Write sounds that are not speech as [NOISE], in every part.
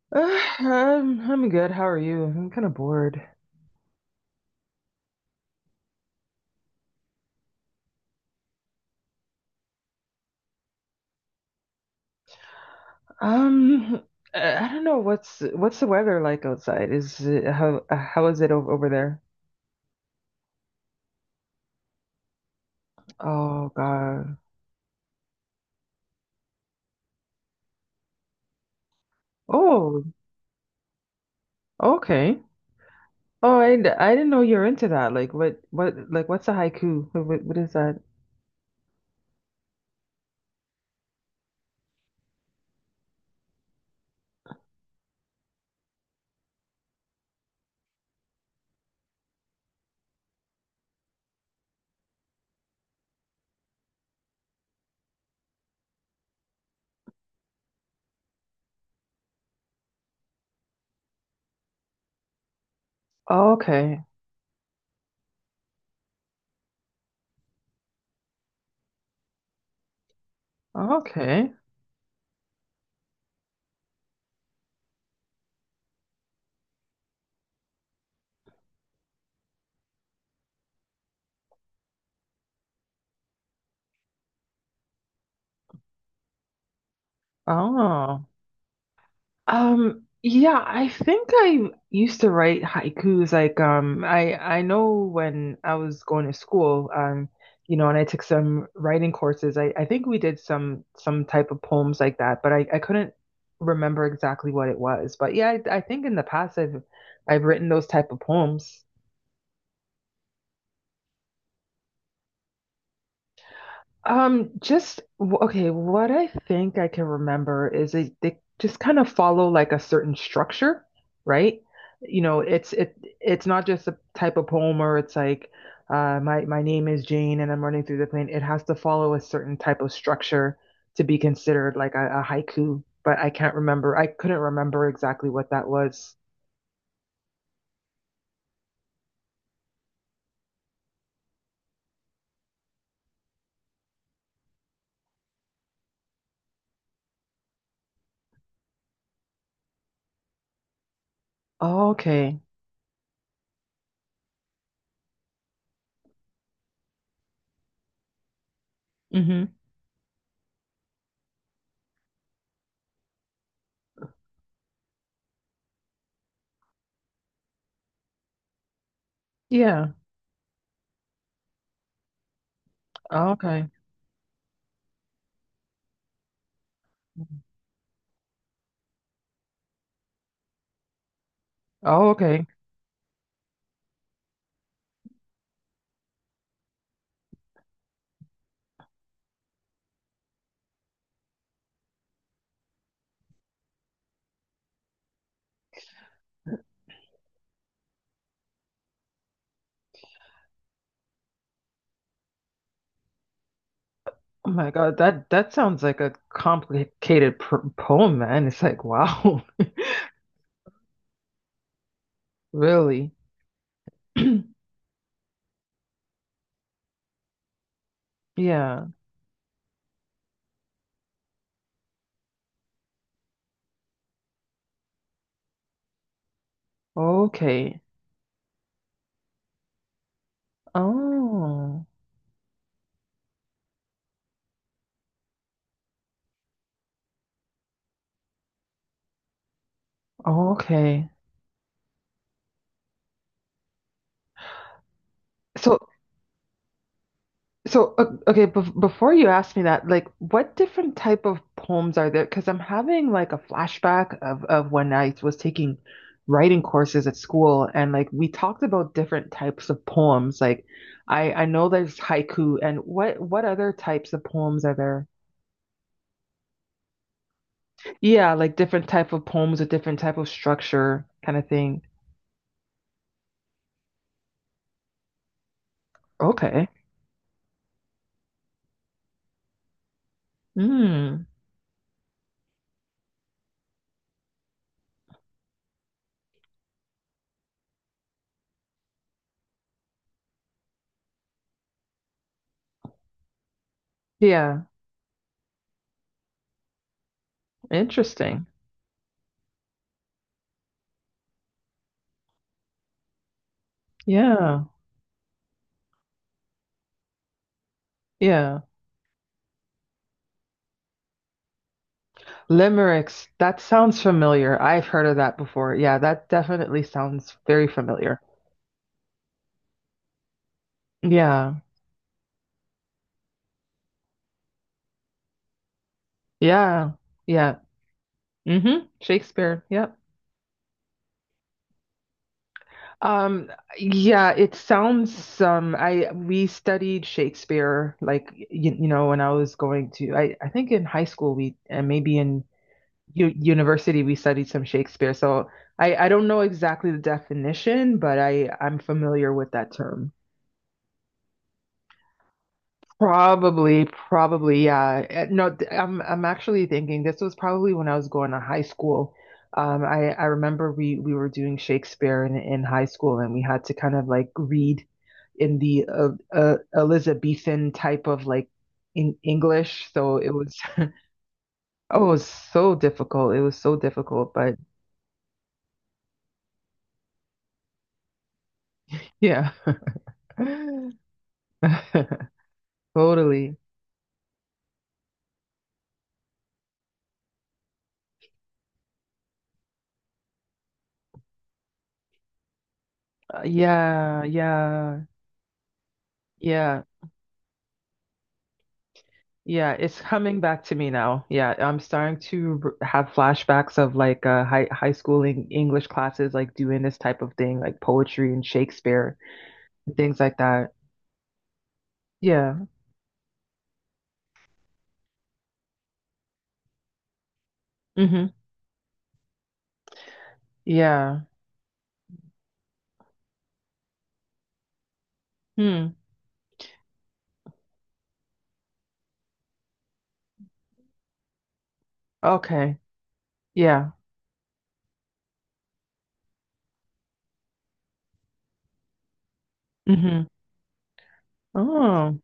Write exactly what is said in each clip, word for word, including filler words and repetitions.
[SIGHS] Uh, I'm I'm good. How are you? I'm kind of bored. Um, I I don't know what's what's the weather like outside? Is it, how how is it over, over there? Oh God. Oh, okay. Oh, I, d- I didn't know you're into that. Like what what like what's a haiku? What, what what is that? Okay. Okay. Oh. Um, yeah, I think I used to write haikus. Like, um, I I know when I was going to school, um, you know, and I took some writing courses. I I think we did some some type of poems like that, but I I couldn't remember exactly what it was. But yeah, I, I think in the past I've I've written those type of poems. Um, just w- okay, what I think I can remember is they, they just kind of follow like a certain structure, right? You know, it's it it's not just a type of poem where it's like uh my my name is Jane and I'm running through the plane. It has to follow a certain type of structure to be considered like a, a haiku, but I can't remember. I couldn't remember exactly what that was. Oh, okay. Mm-hmm. Yeah. Oh, okay. Oh, okay. Oh my God, that that sounds like a complicated pr poem, man. It's like, wow. [LAUGHS] Really? [CLEARS THROAT] Yeah. Okay. Oh. Okay. So so o- okay, bef before you ask me that, like what different type of poems are there? Because I'm having like a flashback of of when I was taking writing courses at school and like we talked about different types of poems. Like I I know there's haiku and what what other types of poems are there? Yeah, like different type of poems, a different type of structure kind of thing. Okay. Mm. Yeah. Interesting. Yeah. Yeah. Limericks. That sounds familiar. I've heard of that before. Yeah, that definitely sounds very familiar. Yeah. Yeah. Yeah. Mm-hmm. Shakespeare. Yep. Um, yeah, it sounds um I we studied Shakespeare like you, you know when I was going to I I think in high school, we and maybe in u university, we studied some Shakespeare, so I, I don't know exactly the definition, but I I'm familiar with that term. Probably, probably, yeah. Eh, No, th- I'm I'm actually thinking this was probably when I was going to high school. Um, I I remember we we were doing Shakespeare in in high school, and we had to kind of like read in the uh, uh, Elizabethan type of like in English. So it was. [LAUGHS] Oh, it was so difficult. It was so difficult, but yeah. [LAUGHS] [LAUGHS] Totally. Uh, yeah, yeah, yeah, yeah. It's coming back to me now. Yeah, I'm starting to r- have flashbacks of like uh, high high school en- English classes, like doing this type of thing, like poetry and Shakespeare and things like that. Yeah. Mm-hmm. Yeah. Hmm. Okay. Yeah. Mm-hmm. Oh.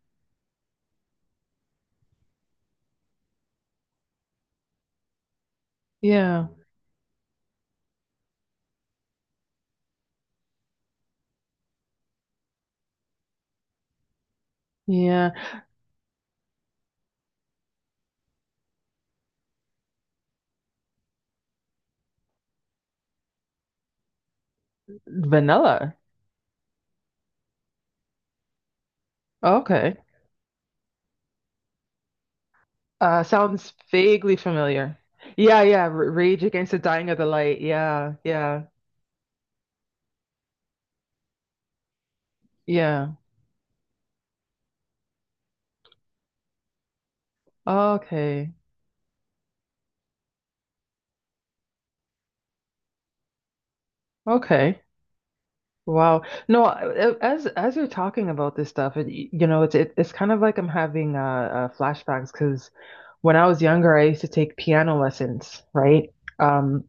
Yeah. Yeah. Vanilla. Okay. Uh, sounds vaguely familiar. Yeah, yeah. R Rage Against the Dying of the Light. Yeah, yeah, yeah. Okay, okay. Wow. No, I- as as you're talking about this stuff, it, you know, it's it, it's kind of like I'm having uh, uh flashbacks because when I was younger, I used to take piano lessons, right? Um,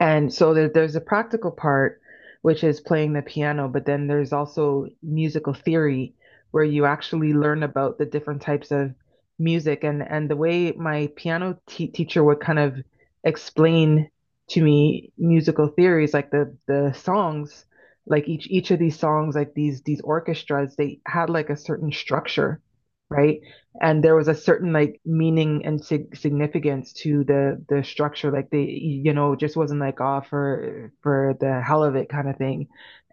And so there, there's a practical part, which is playing the piano, but then there's also musical theory, where you actually learn about the different types of music. And, and the way my piano te teacher would kind of explain to me musical theories, like the, the songs, like each, each of these songs, like these, these orchestras, they had like a certain structure, right? And there was a certain like meaning and sig significance to the the structure, like they you know just wasn't like, oh, for for the hell of it kind of thing.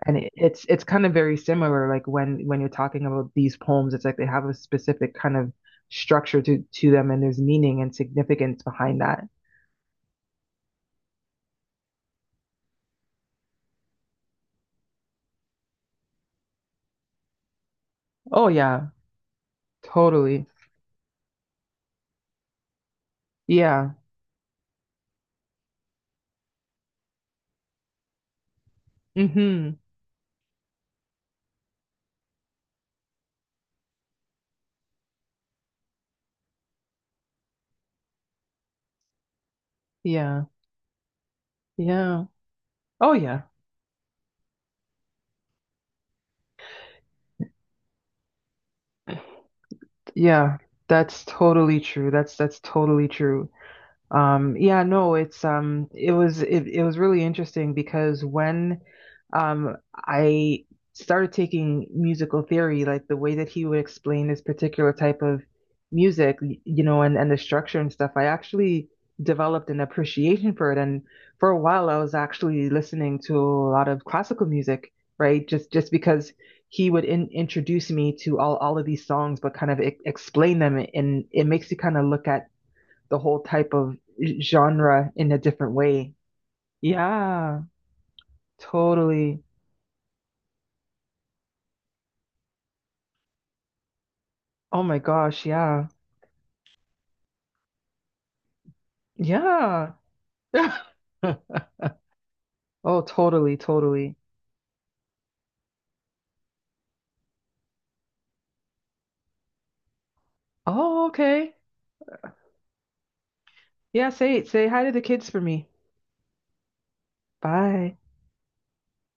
And it, it's it's kind of very similar, like when when you're talking about these poems, it's like they have a specific kind of structure to to them, and there's meaning and significance behind that. Oh yeah. Totally. Yeah. Mm-hmm. Yeah. Yeah. Oh yeah. Yeah. That's totally true. That's that's totally true. Um, yeah, no, it's um it was it, it was really interesting because when um I started taking musical theory, like the way that he would explain this particular type of music, y- you know, and and the structure and stuff, I actually developed an appreciation for it. And for a while, I was actually listening to a lot of classical music, right? Just just because he would in, introduce me to all all of these songs, but kind of e explain them, and it makes you kind of look at the whole type of genre in a different way. Yeah, totally. Oh my gosh, yeah. Yeah. [LAUGHS] Oh, totally, totally. Oh, okay. Yeah, say say hi to the kids for me. Bye.